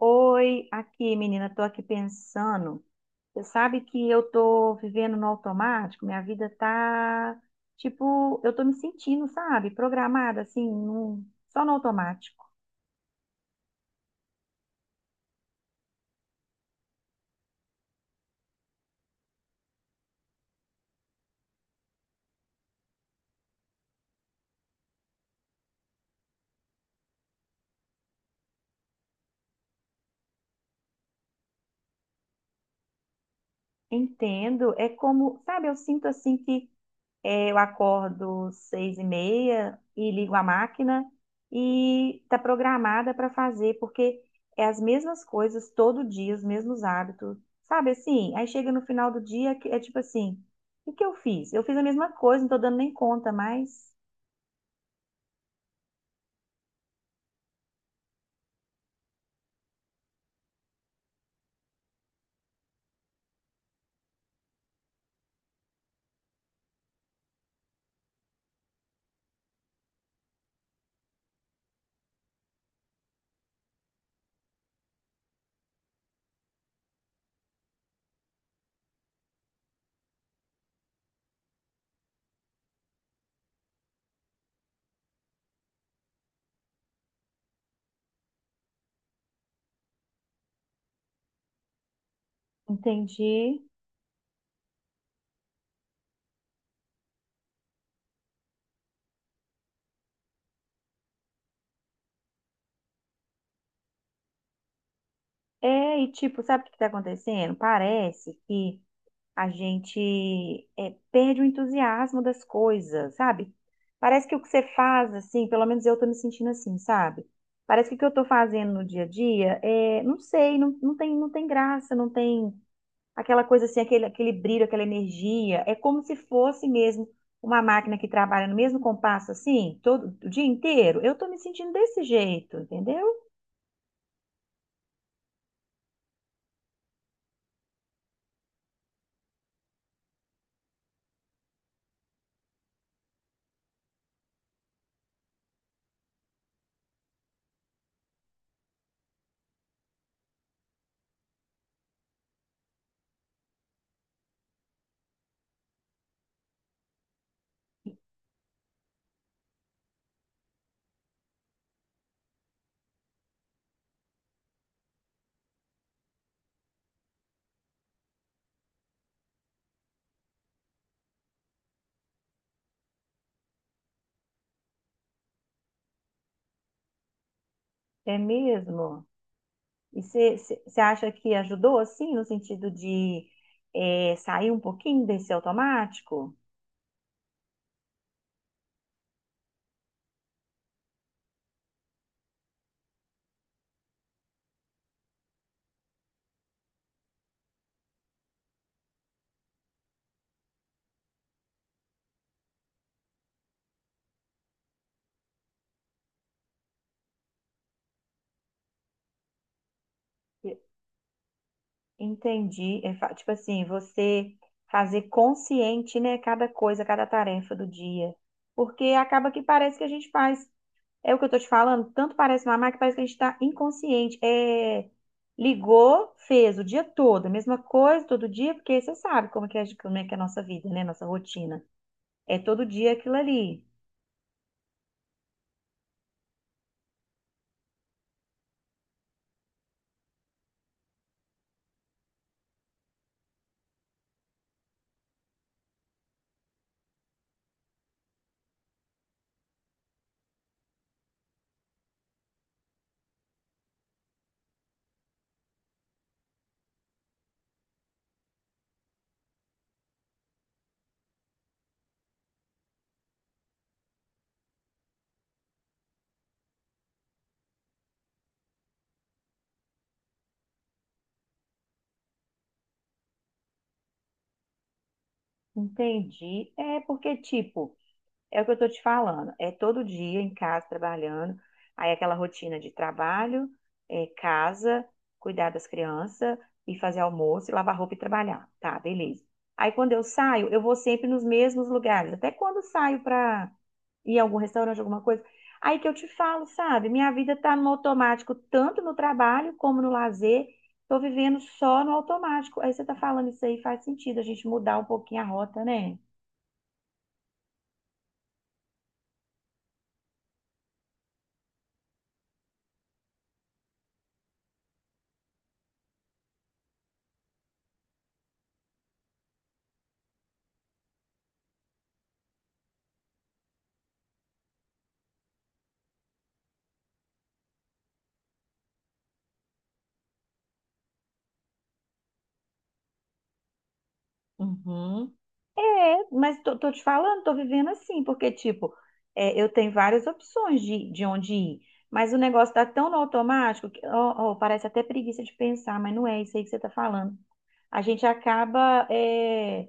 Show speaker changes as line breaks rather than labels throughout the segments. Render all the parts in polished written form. Oi, aqui, menina, tô aqui pensando. Você sabe que eu tô vivendo no automático, minha vida tá tipo, eu tô me sentindo, sabe, programada assim, só no automático. Entendo, é como, sabe, eu sinto assim eu acordo 6:30 e ligo a máquina e está programada para fazer, porque é as mesmas coisas todo dia, os mesmos hábitos, sabe assim? Aí chega no final do dia, que é tipo assim, o que eu fiz? Eu fiz a mesma coisa, não tô dando nem conta mais. Entendi. É, e tipo, sabe o que está acontecendo? Parece que a gente é, perde o entusiasmo das coisas, sabe? Parece que o que você faz, assim, pelo menos eu tô me sentindo assim, sabe? Parece que o que eu tô fazendo no dia a dia, é, não sei, não, não tem graça, não tem aquela coisa assim, aquele brilho, aquela energia. É como se fosse mesmo uma máquina que trabalha no mesmo compasso, assim, todo o dia inteiro. Eu tô me sentindo desse jeito, entendeu? É mesmo. E você acha que ajudou, assim, no sentido de é, sair um pouquinho desse automático? E- Entendi. É tipo assim, você fazer consciente, né, cada coisa, cada tarefa do dia. Porque acaba que parece que a gente faz. É o que eu tô te falando, tanto parece mamar que parece que a gente tá inconsciente. É, ligou, fez o dia todo, a mesma coisa todo dia, porque você sabe como é que é, como é que é a nossa vida, né, nossa rotina. É todo dia aquilo ali. Entendi. É porque, tipo, é o que eu tô te falando. É todo dia em casa trabalhando. Aí aquela rotina de trabalho, é, casa, cuidar das crianças e fazer almoço, e lavar roupa e trabalhar. Tá, beleza. Aí quando eu saio, eu vou sempre nos mesmos lugares. Até quando eu saio pra ir a algum restaurante, alguma coisa. Aí que eu te falo, sabe? Minha vida tá no automático, tanto no trabalho como no lazer. Tô vivendo só no automático. Aí você tá falando isso aí, faz sentido a gente mudar um pouquinho a rota, né? Uhum. É, mas tô te falando, tô vivendo assim, porque, tipo, é, eu tenho várias opções de onde ir, mas o negócio tá tão no automático que ó, ó, parece até preguiça de pensar, mas não é isso aí que você tá falando. A gente acaba, é,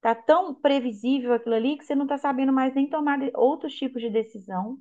tá tão previsível aquilo ali que você não tá sabendo mais nem tomar outros tipos de decisão.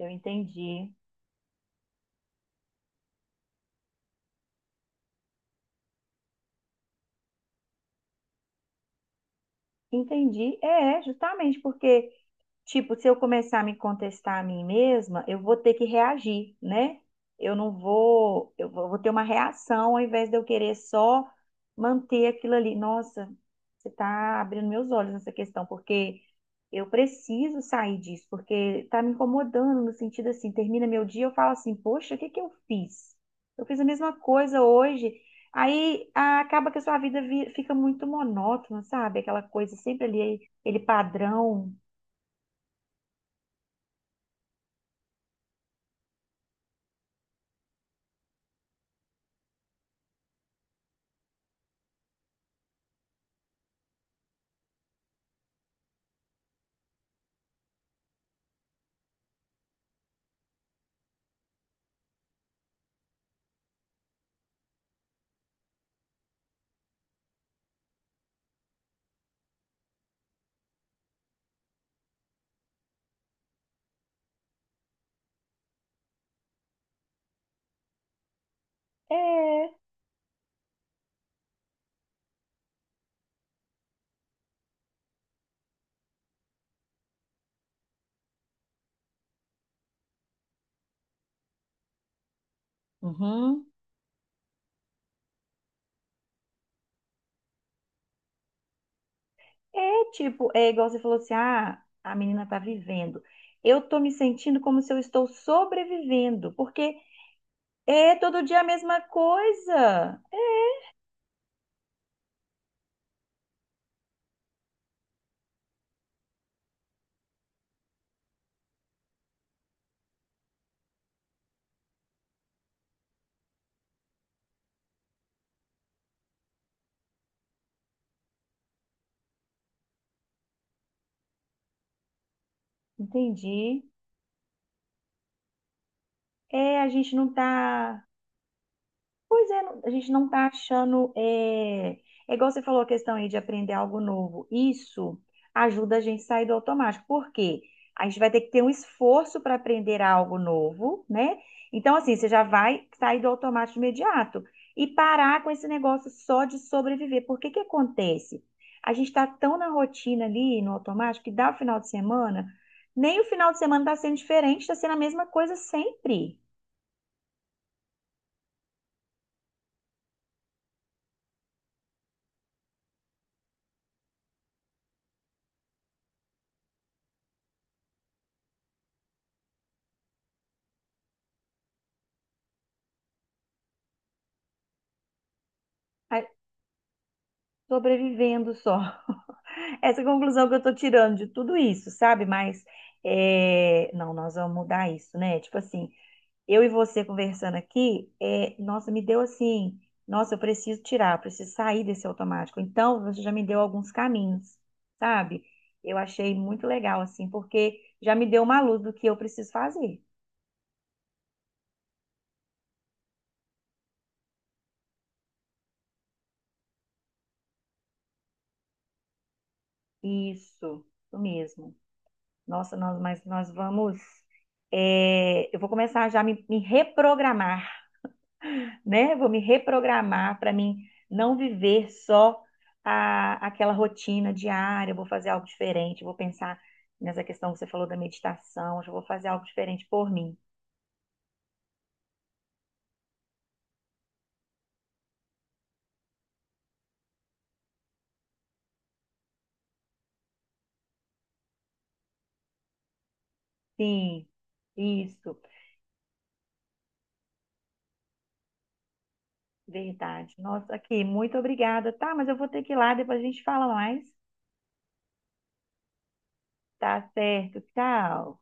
Eu entendi. Entendi. É, justamente porque. Tipo, se eu começar a me contestar a mim mesma, eu vou ter que reagir, né? Eu não vou, eu vou ter uma reação ao invés de eu querer só manter aquilo ali. Nossa, você tá abrindo meus olhos nessa questão, porque eu preciso sair disso, porque tá me incomodando no sentido assim, termina meu dia, eu falo assim, poxa, o que que eu fiz? Eu fiz a mesma coisa hoje. Aí ah, acaba que a sua vida fica muito monótona, sabe? Aquela coisa sempre ali, aquele padrão. É. Uhum. É tipo, é igual você falou assim, ah, a menina tá vivendo. Eu tô me sentindo como se eu estou sobrevivendo, porque é todo dia a mesma coisa. Entendi. É, a gente não tá a gente não tá achando. É, é igual você falou a questão aí de aprender algo novo. Isso ajuda a gente a sair do automático. Por quê? A gente vai ter que ter um esforço para aprender algo novo, né? Então, assim, você já vai sair do automático imediato e parar com esse negócio só de sobreviver. Por que que acontece? A gente está tão na rotina ali, no automático, que dá o final de semana, nem o final de semana está sendo diferente, está sendo a mesma coisa sempre, A- sobrevivendo só. Essa conclusão que eu tô tirando de tudo isso, sabe? Mas é, não, nós vamos mudar isso, né? Tipo assim, eu e você conversando aqui, é, nossa, me deu assim, nossa, eu preciso tirar, eu preciso sair desse automático. Então, você já me deu alguns caminhos, sabe? Eu achei muito legal, assim, porque já me deu uma luz do que eu preciso fazer. Isso mesmo. Nossa, nós, mas nós vamos. É, eu vou começar já a me reprogramar. Né? Vou me reprogramar para mim não viver só aquela rotina diária, eu vou fazer algo diferente, vou pensar nessa questão que você falou da meditação, hoje eu já vou fazer algo diferente por mim. Sim, isso, verdade. Nossa, aqui, muito obrigada, tá? Mas eu vou ter que ir lá, depois a gente fala mais. Tá certo, tchau.